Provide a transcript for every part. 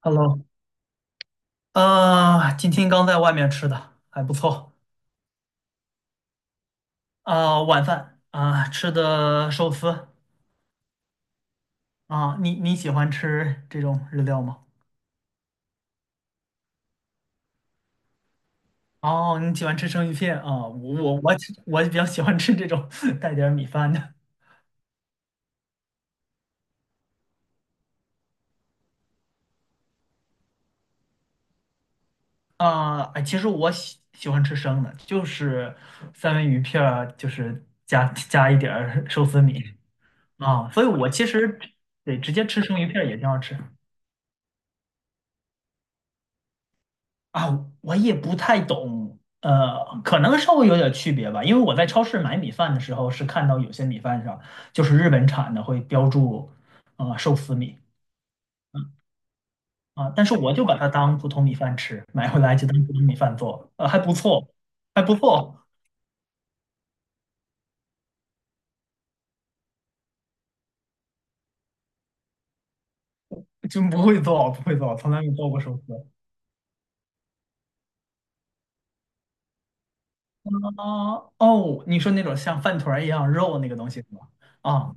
Hello，啊，今天刚在外面吃的，还不错。啊，晚饭啊，吃的寿司。啊，你喜欢吃这种日料吗？哦，你喜欢吃生鱼片啊？我我我比较喜欢吃这种 带点儿米饭的。啊，哎，其实我喜欢吃生的，就是三文鱼片儿，就是加一点儿寿司米。啊，所以我其实对直接吃生鱼片儿也挺好吃。啊，我也不太懂，可能稍微有点区别吧，因为我在超市买米饭的时候是看到有些米饭上就是日本产的会标注，寿司米。啊，但是我就把它当普通米饭吃，买回来就当普通米饭做，还不错，还不错。就不会做，不会做，从来没做过寿司。啊，哦，你说那种像饭团儿一样肉那个东西是吧？啊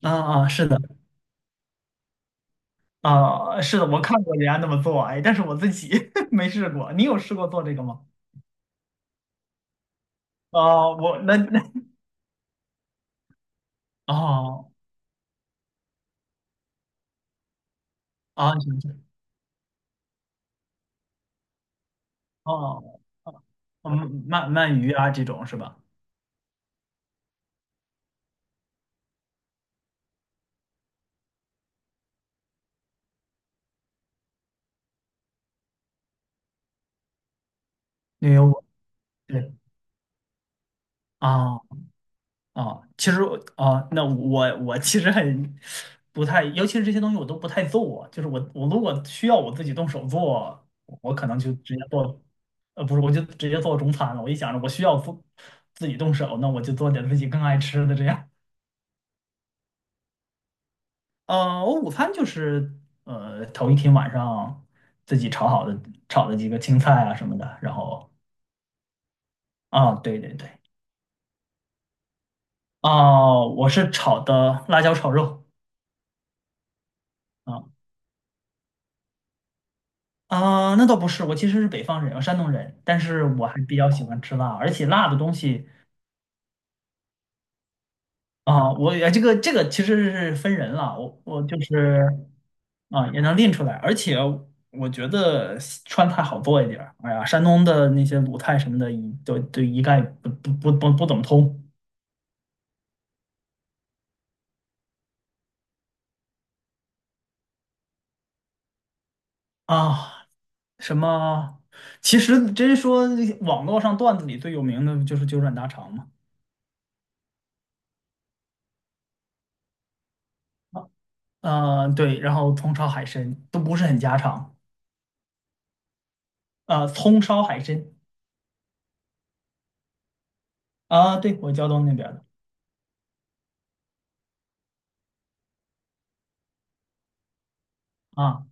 啊啊，是的。啊，是的，我看过人家那么做，哎，但是我自己 没试过。你有试过做这个吗？哦，我那。哦。啊，行行。哦。哦。嗯，鳗鱼啊这种是吧？因为我。对。啊啊，其实。啊，那我。我其实很不太，尤其是这些东西我都不太做，就是我如果需要我自己动手做，我可能就直接做。不是，我就直接做中餐了。我一想着我需要做自己动手，那我就做点自己更爱吃的这样。我午餐就是头一天晚上自己炒好的炒的几个青菜啊什么的，然后啊，对对对。啊，我是炒的辣椒炒肉。啊。啊，那倒不是，我其实是北方人，我山东人，但是我还比较喜欢吃辣，而且辣的东西。啊，我也这个其实是分人了，我就是。啊也能练出来，而且我觉得西川菜好做一点儿。哎呀，山东的那些鲁菜什么的，一都一概不怎么通。啊，什么？其实真说网络上段子里最有名的就是九转大肠嘛。对，然后葱烧海参都不是很家常。啊，葱烧海参。啊，对，我胶东那边儿的。啊，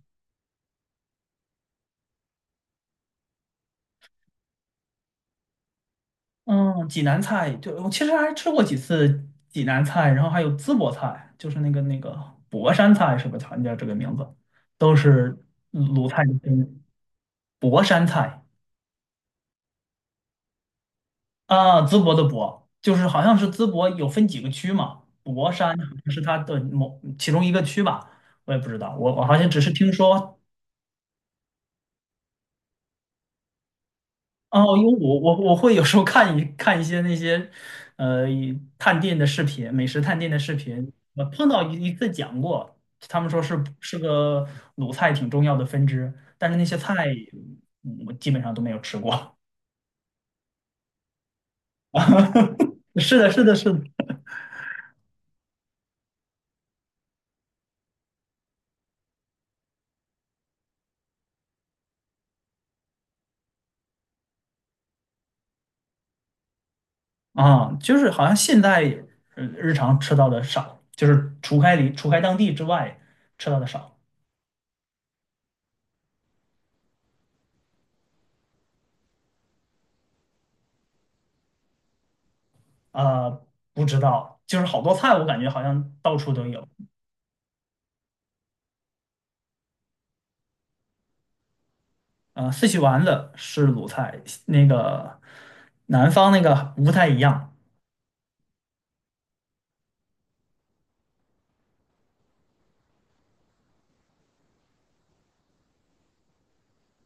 嗯，济南菜，就我其实还吃过几次济南菜，然后还有淄博菜，就是那个博山菜是吧？好像叫这个名字，都是鲁菜的根源博山菜。啊，淄博的博，就是好像是淄博有分几个区嘛，博山好像是它的某其中一个区吧，我也不知道，我好像只是听说。哦，因为我会有时候看一看些那些，呃，一探店的视频，美食探店的视频。我碰到一次讲过，他们说是个鲁菜挺重要的分支，但是那些菜我基本上都没有吃过。是的，是的，是的。啊，就是好像现在日常吃到的少，就是除开当地之外吃到的少。啊，不知道，就是好多菜我感觉好像到处都有。四喜丸子是鲁菜，那个南方那个不太一样。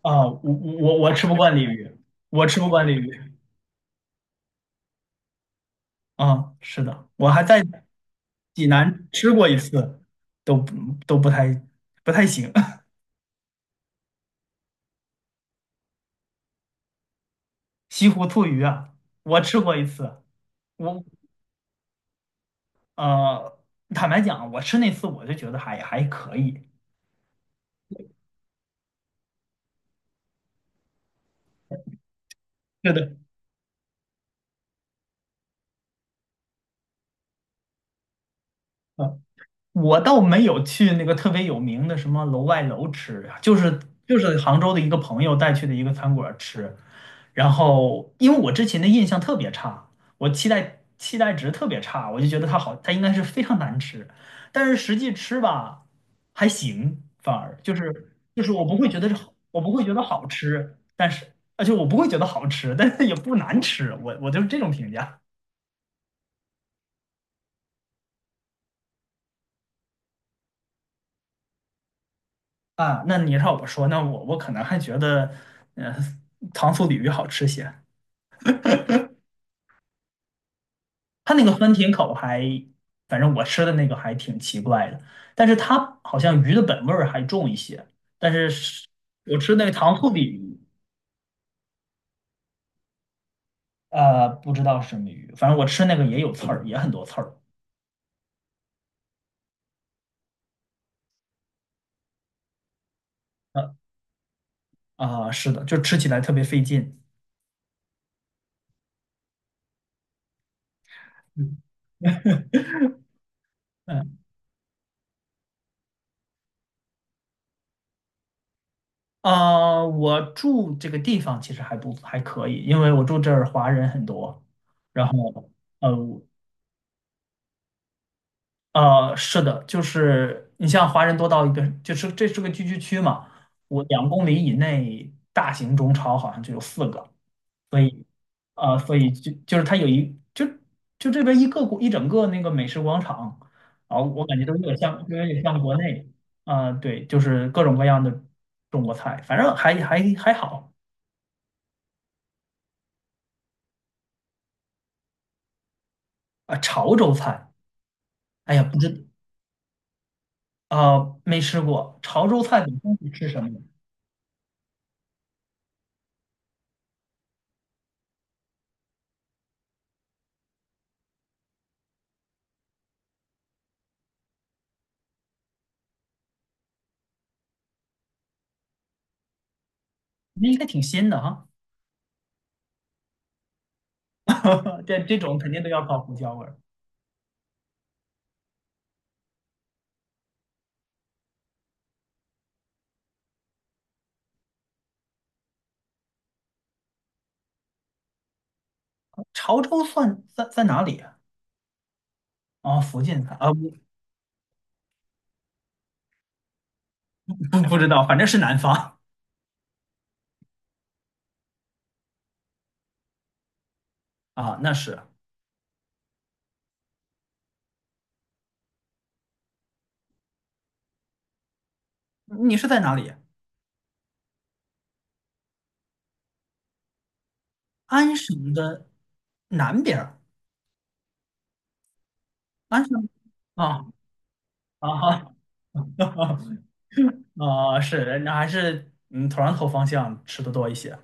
啊，我吃不惯鲤鱼，我吃不惯鲤鱼。啊，是的，我还在济南吃过一次，都不都不太不太行。西湖醋鱼啊，我吃过一次。我呃，坦白讲，我吃那次我就觉得还可以。是的，我倒没有去那个特别有名的什么楼外楼吃，就是杭州的一个朋友带去的一个餐馆吃，然后因为我之前的印象特别差，我期待值特别差，我就觉得它好，它应该是非常难吃，但是实际吃吧还行，反而就是就是我不会觉得是好，我不会觉得好吃。但是而且我不会觉得好吃，但是也不难吃，我就是这种评价。啊，那你让我说，那我可能还觉得，呃，糖醋鲤鱼好吃些。它那个酸甜口还，反正我吃的那个还挺奇怪的，但是它好像鱼的本味儿还重一些。但是我吃那个糖醋鲤鱼。不知道是什么鱼，反正我吃那个也有刺儿，也很多刺儿。呃啊，是的，就吃起来特别费劲。嗯嗯。啊，我住这个地方其实还不还可以，因为我住这儿华人很多，然后。呃，是的，就是你像华人多到一个，就是这是个聚居区嘛，我2公里以内大型中超好像就有四个。所以，就是它有一就就这边一整个那个美食广场。啊，我感觉都有点像，就有点像国内。啊，对，就是各种各样的中国菜，反正还好。啊，潮州菜，哎呀，不知。啊，没吃过潮州菜本身是吃什么。那应该挺新的哈。这种肯定都要靠胡椒味儿。潮州算在哪里啊？哦，福建菜啊，不不知道，反正是南方。啊，那是。你是在哪里啊？安省的南边儿。安省。啊啊啊 啊，是那还是上头方向吃的多一些。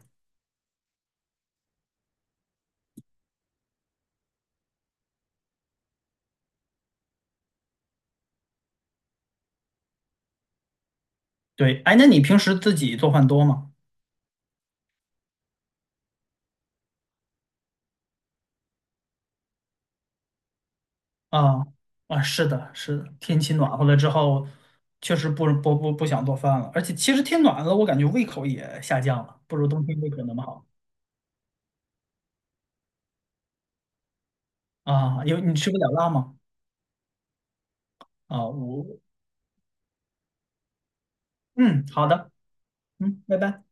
对，哎，那你平时自己做饭多吗？啊啊，是的，是的，天气暖和了之后，确实不想做饭了，而且其实天暖了，我感觉胃口也下降了，不如冬天胃口那么好。啊，有你吃不了辣吗？啊，我。嗯，好的。嗯，拜拜。